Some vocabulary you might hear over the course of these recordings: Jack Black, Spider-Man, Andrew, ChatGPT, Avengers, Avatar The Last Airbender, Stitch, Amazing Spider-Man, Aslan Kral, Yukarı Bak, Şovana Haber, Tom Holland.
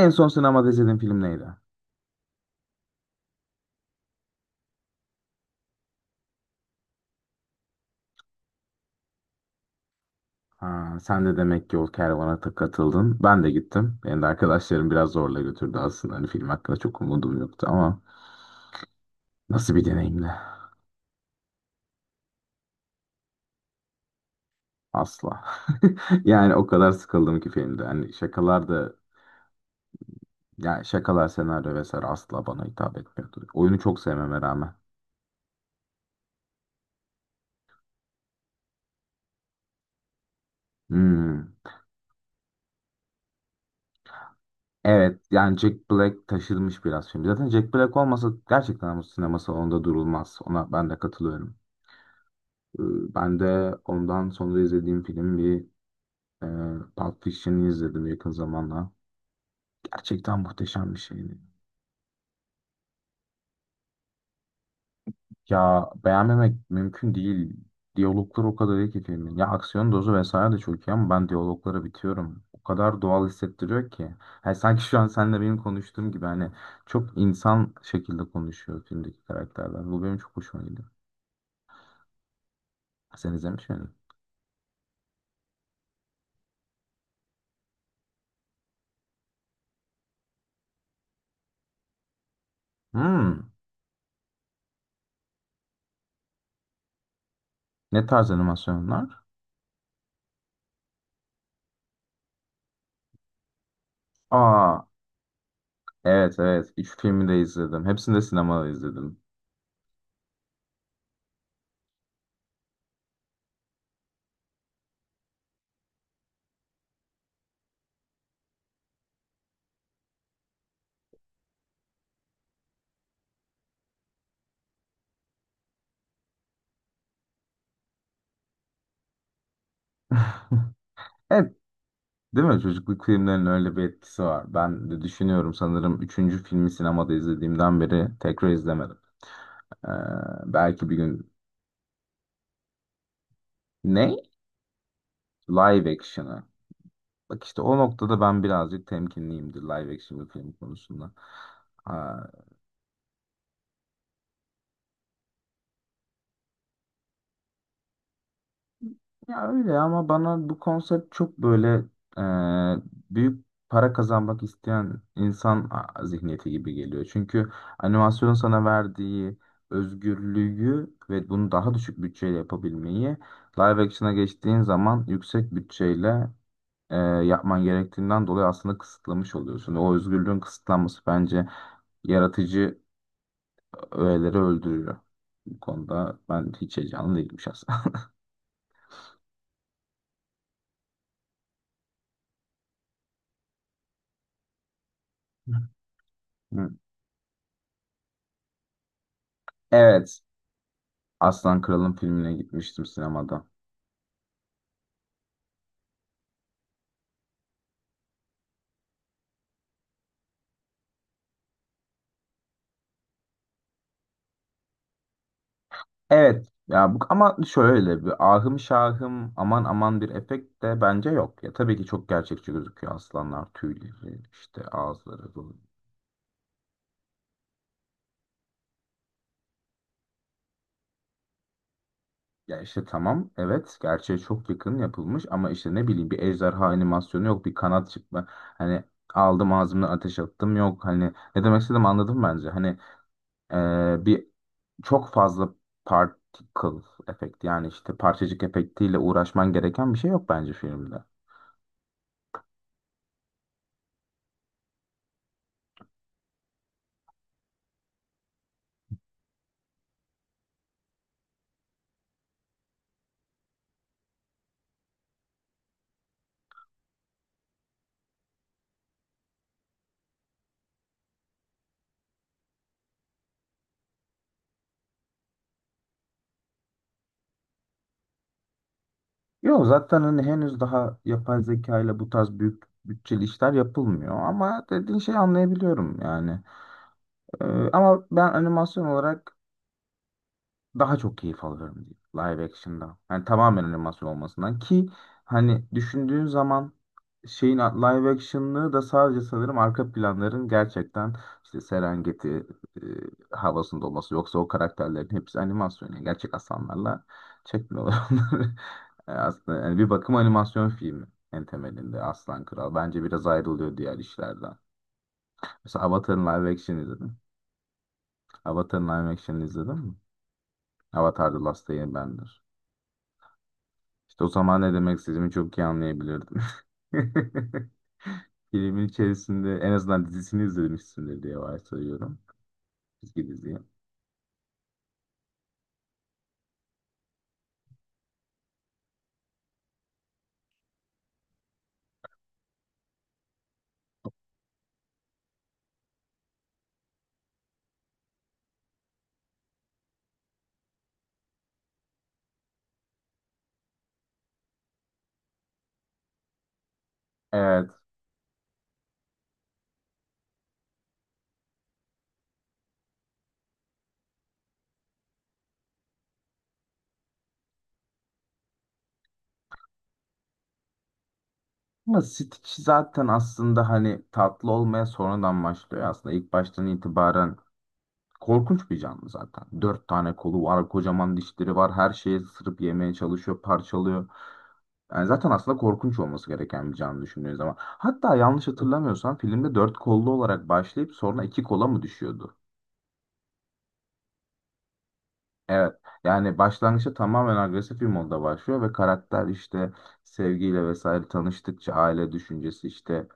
En son sinemada izlediğin film neydi? Ha, sen de demek ki o kervana katıldın. Ben de gittim. Benim de arkadaşlarım biraz zorla götürdü aslında. Hani film hakkında çok umudum yoktu ama nasıl bir deneyimdi? Asla. Yani o kadar sıkıldım ki filmde. Hani şakalar da, yani şakalar, senaryo vesaire asla bana hitap etmiyordu. Oyunu çok sevmeme rağmen. Hmm. Evet, yani Jack Black taşırmış biraz film. Zaten Jack Black olmasa gerçekten bu sinema salonunda durulmaz. Ona ben de katılıyorum. Ben de ondan sonra izlediğim film e, Pulp Fiction'ı izledim yakın zamanda. Gerçekten muhteşem bir şeydi. Ya, beğenmemek mümkün değil. Diyaloglar o kadar iyi ki filmin. Ya, aksiyon dozu vesaire de çok iyi ama ben diyaloglara bitiyorum. O kadar doğal hissettiriyor ki. Yani sanki şu an seninle benim konuştuğum gibi, hani çok insan şekilde konuşuyor filmdeki karakterler. Bu benim çok hoşuma gidiyor. Sen izlemiş miydin? Hmm. Ne tarz animasyonlar? Aa. Evet, evet. Üç filmi de izledim. Hepsini de sinemada izledim. Evet, değil mi? Çocukluk filmlerinin öyle bir etkisi var. Ben de düşünüyorum, sanırım üçüncü filmi sinemada izlediğimden beri tekrar izlemedim. Ee, belki bir gün... Ne? Live action'ı. Bak, işte o noktada ben birazcık temkinliyimdir live action bir film konusunda. Ya öyle, ama bana bu konsept çok böyle büyük para kazanmak isteyen insan zihniyeti gibi geliyor. Çünkü animasyonun sana verdiği özgürlüğü ve bunu daha düşük bütçeyle yapabilmeyi, live action'a geçtiğin zaman yüksek bütçeyle yapman gerektiğinden dolayı, aslında kısıtlamış oluyorsun. O özgürlüğün kısıtlanması bence yaratıcı öğeleri öldürüyor. Bu konuda ben hiç heyecanlı değilim şahsen. Hı. Evet. Aslan Kral'ın filmine gitmiştim sinemada. Evet ya, bu ama şöyle bir ahım şahım aman aman bir efekt de bence yok. Ya tabii ki çok gerçekçi gözüküyor, aslanlar, tüyleri, işte ağızları, bu. Ya işte, tamam, evet, gerçeğe çok yakın yapılmış ama işte ne bileyim, bir ejderha animasyonu yok, bir kanat çıkma, hani aldım ağzımdan ateş attım yok, hani ne demek istedim anladım bence. Hani, bir çok fazla particle efekt, yani işte parçacık efektiyle uğraşman gereken bir şey yok bence filmde. Yok, zaten hani henüz daha yapay zeka ile bu tarz büyük bütçeli işler yapılmıyor ama dediğin şeyi anlayabiliyorum yani. Ee, ama ben animasyon olarak daha çok keyif alıyorum diyor live action'dan. Yani tamamen animasyon olmasından ki, hani düşündüğün zaman şeyin live action'lığı da sadece, sanırım, arka planların gerçekten işte Serengeti e, havasında olması, yoksa o karakterlerin hepsi animasyon. Yani gerçek aslanlarla çekmiyorlar onları. Aslında yani bir bakım animasyon filmi en temelinde Aslan Kral. Bence biraz ayrılıyor diğer işlerden. Mesela Avatar'ın live action izledim. Avatar'ın live action izledim mi? Avatar The Last Airbender. İşte o zaman ne demek istediğimi çok iyi anlayabilirdim. Filmin içerisinde en azından dizisini izlemişsindir diye varsayıyorum. Çizgi diziyi. Evet. Ama Stitch zaten aslında hani tatlı olmaya sonradan başlıyor. Aslında ilk baştan itibaren korkunç bir canlı zaten. Dört tane kolu var, kocaman dişleri var. Her şeyi ısırıp yemeye çalışıyor, parçalıyor. Yani zaten aslında korkunç olması gereken bir canlı düşündüğün zaman. Hatta yanlış hatırlamıyorsam filmde dört kollu olarak başlayıp sonra iki kola mı düşüyordu? Evet. Yani başlangıçta tamamen agresif bir modda başlıyor ve karakter işte sevgiyle vesaire tanıştıkça, aile düşüncesi işte,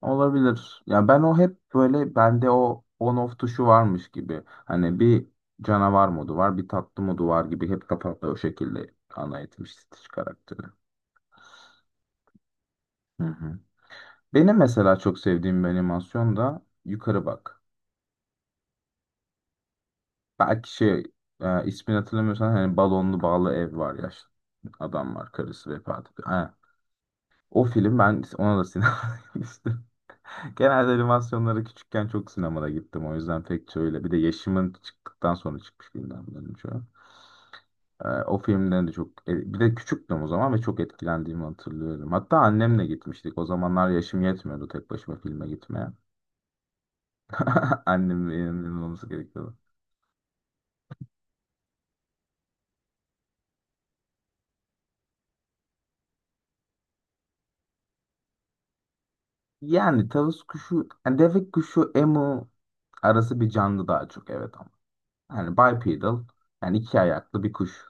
olabilir. Yani ben, o hep böyle, bende o on off tuşu varmış gibi. Hani bir canavar modu var, bir tatlı modu var gibi hep kafamda o şekilde ana etmiş Stitch karakteri. Hı hı. Benim mesela çok sevdiğim bir animasyon da Yukarı Bak. Belki şey, ismini hatırlamıyorsan, hani balonlu bağlı ev var ya, adam var, karısı vefat ediyor. O film, ben ona da sinemaya gitmiştim. Genelde animasyonlara küçükken çok sinemada gittim. O yüzden pek şöyle. Bir de yaşımın çıktıktan sonra çıkmış filmler bunların çoğu. O filmden de çok... bir de küçüktüm o zaman ve çok etkilendiğimi hatırlıyorum. Hatta annemle gitmiştik. O zamanlar yaşım yetmiyordu tek başıma filme gitmeye. Annemin yanında olması gerekiyordu. Yani tavus kuşu, yani deve kuşu, emu arası bir canlı daha çok, evet, ama. Yani bipedal, yani iki ayaklı bir kuş.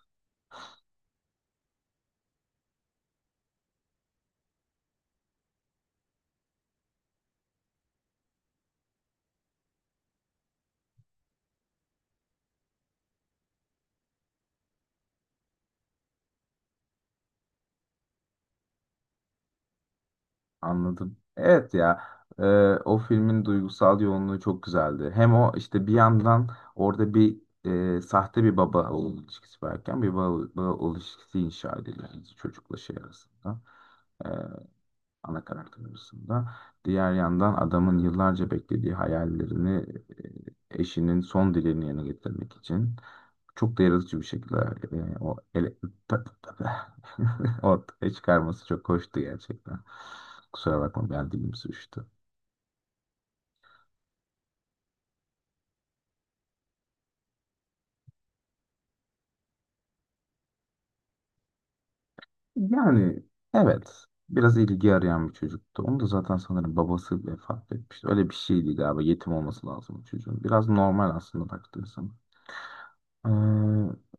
Anladım. Evet ya. e, o filmin duygusal yoğunluğu çok güzeldi. Hem o işte bir yandan orada bir sahte bir baba oğul ilişkisi varken, baba oğul ilişkisi inşa ediliyor yani çocukla şey arasında. e, ana karakter arasında. Diğer yandan adamın yıllarca beklediği hayallerini, eşinin son dileğini yerine getirmek için çok da yaratıcı bir şekilde, yani ortaya çıkarması çok hoştu gerçekten. Kusura bakma, ben dilim sürçtü. Yani evet, biraz ilgi arayan bir çocuktu. Onu da zaten sanırım babası vefat etmişti. Öyle bir şeydi galiba, yetim olması lazım çocuğun. Biraz normal aslında baktığın zaman. Ee,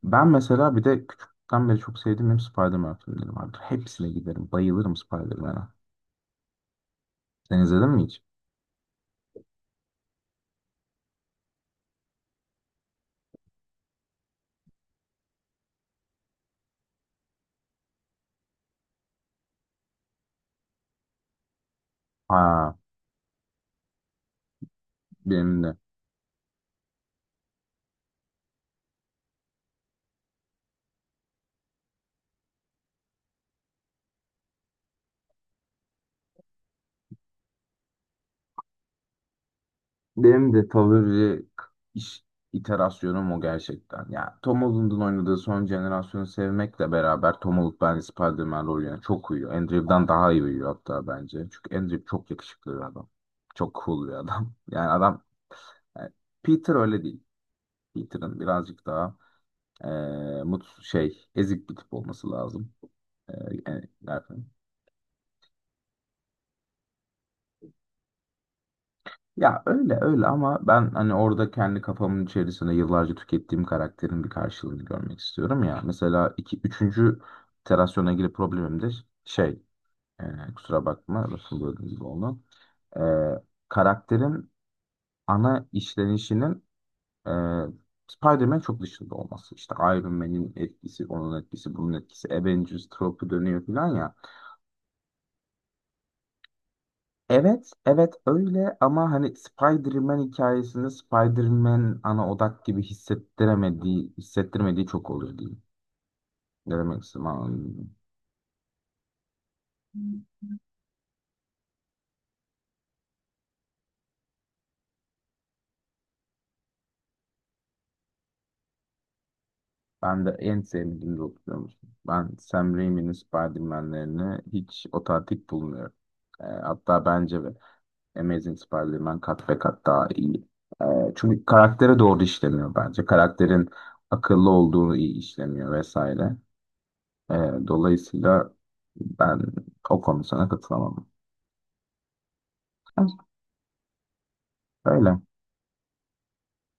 ben mesela bir de küçükten beri çok sevdiğim hep Spider-Man filmleri vardır. Hepsine giderim. Bayılırım Spider-Man'a. Sen izledin mi hiç? Aa, benim de Benim de favori k- iş iterasyonum o gerçekten. Ya Tom Holland'ın oynadığı son jenerasyonu sevmekle beraber, Tom Holland bence Spider-Man rolüne çok uyuyor. Andrew'dan daha iyi uyuyor hatta bence. Çünkü Andrew Yep çok yakışıklı bir adam. Çok cool bir adam. Yani adam, yani Peter öyle değil. Peter'ın birazcık daha mutsuz, ezik bir tip olması lazım. Eee yani, ya öyle öyle ama ben hani orada kendi kafamın içerisinde yıllarca tükettiğim karakterin bir karşılığını görmek istiyorum ya. Mesela iki, üçüncü iterasyona ilgili problemim de şey, kusura bakma, lafını böldüğüm gibi oldu. E, karakterin ana işlenişinin e, Spider-Man çok dışında olması. İşte Iron Man'in etkisi, onun etkisi, bunun etkisi, Avengers tropu dönüyor falan ya. Evet, evet öyle ama hani Spider-Man hikayesinde Spider-Man ana odak gibi hissettiremediği, hissettirmediği çok oluyor diyeyim. Ne demek istedim, anladın mı? Ben de en sevmediğim rol, biliyor musun? Ben Sam Raimi'nin Spider-Man'lerini hiç otantik bulmuyorum. Hatta bence de Amazing Spider-Man kat ve kat daha iyi. E, çünkü karaktere doğru işlemiyor bence. Karakterin akıllı olduğunu iyi işlemiyor vesaire. Dolayısıyla ben o konu sana katılamam. Öyle.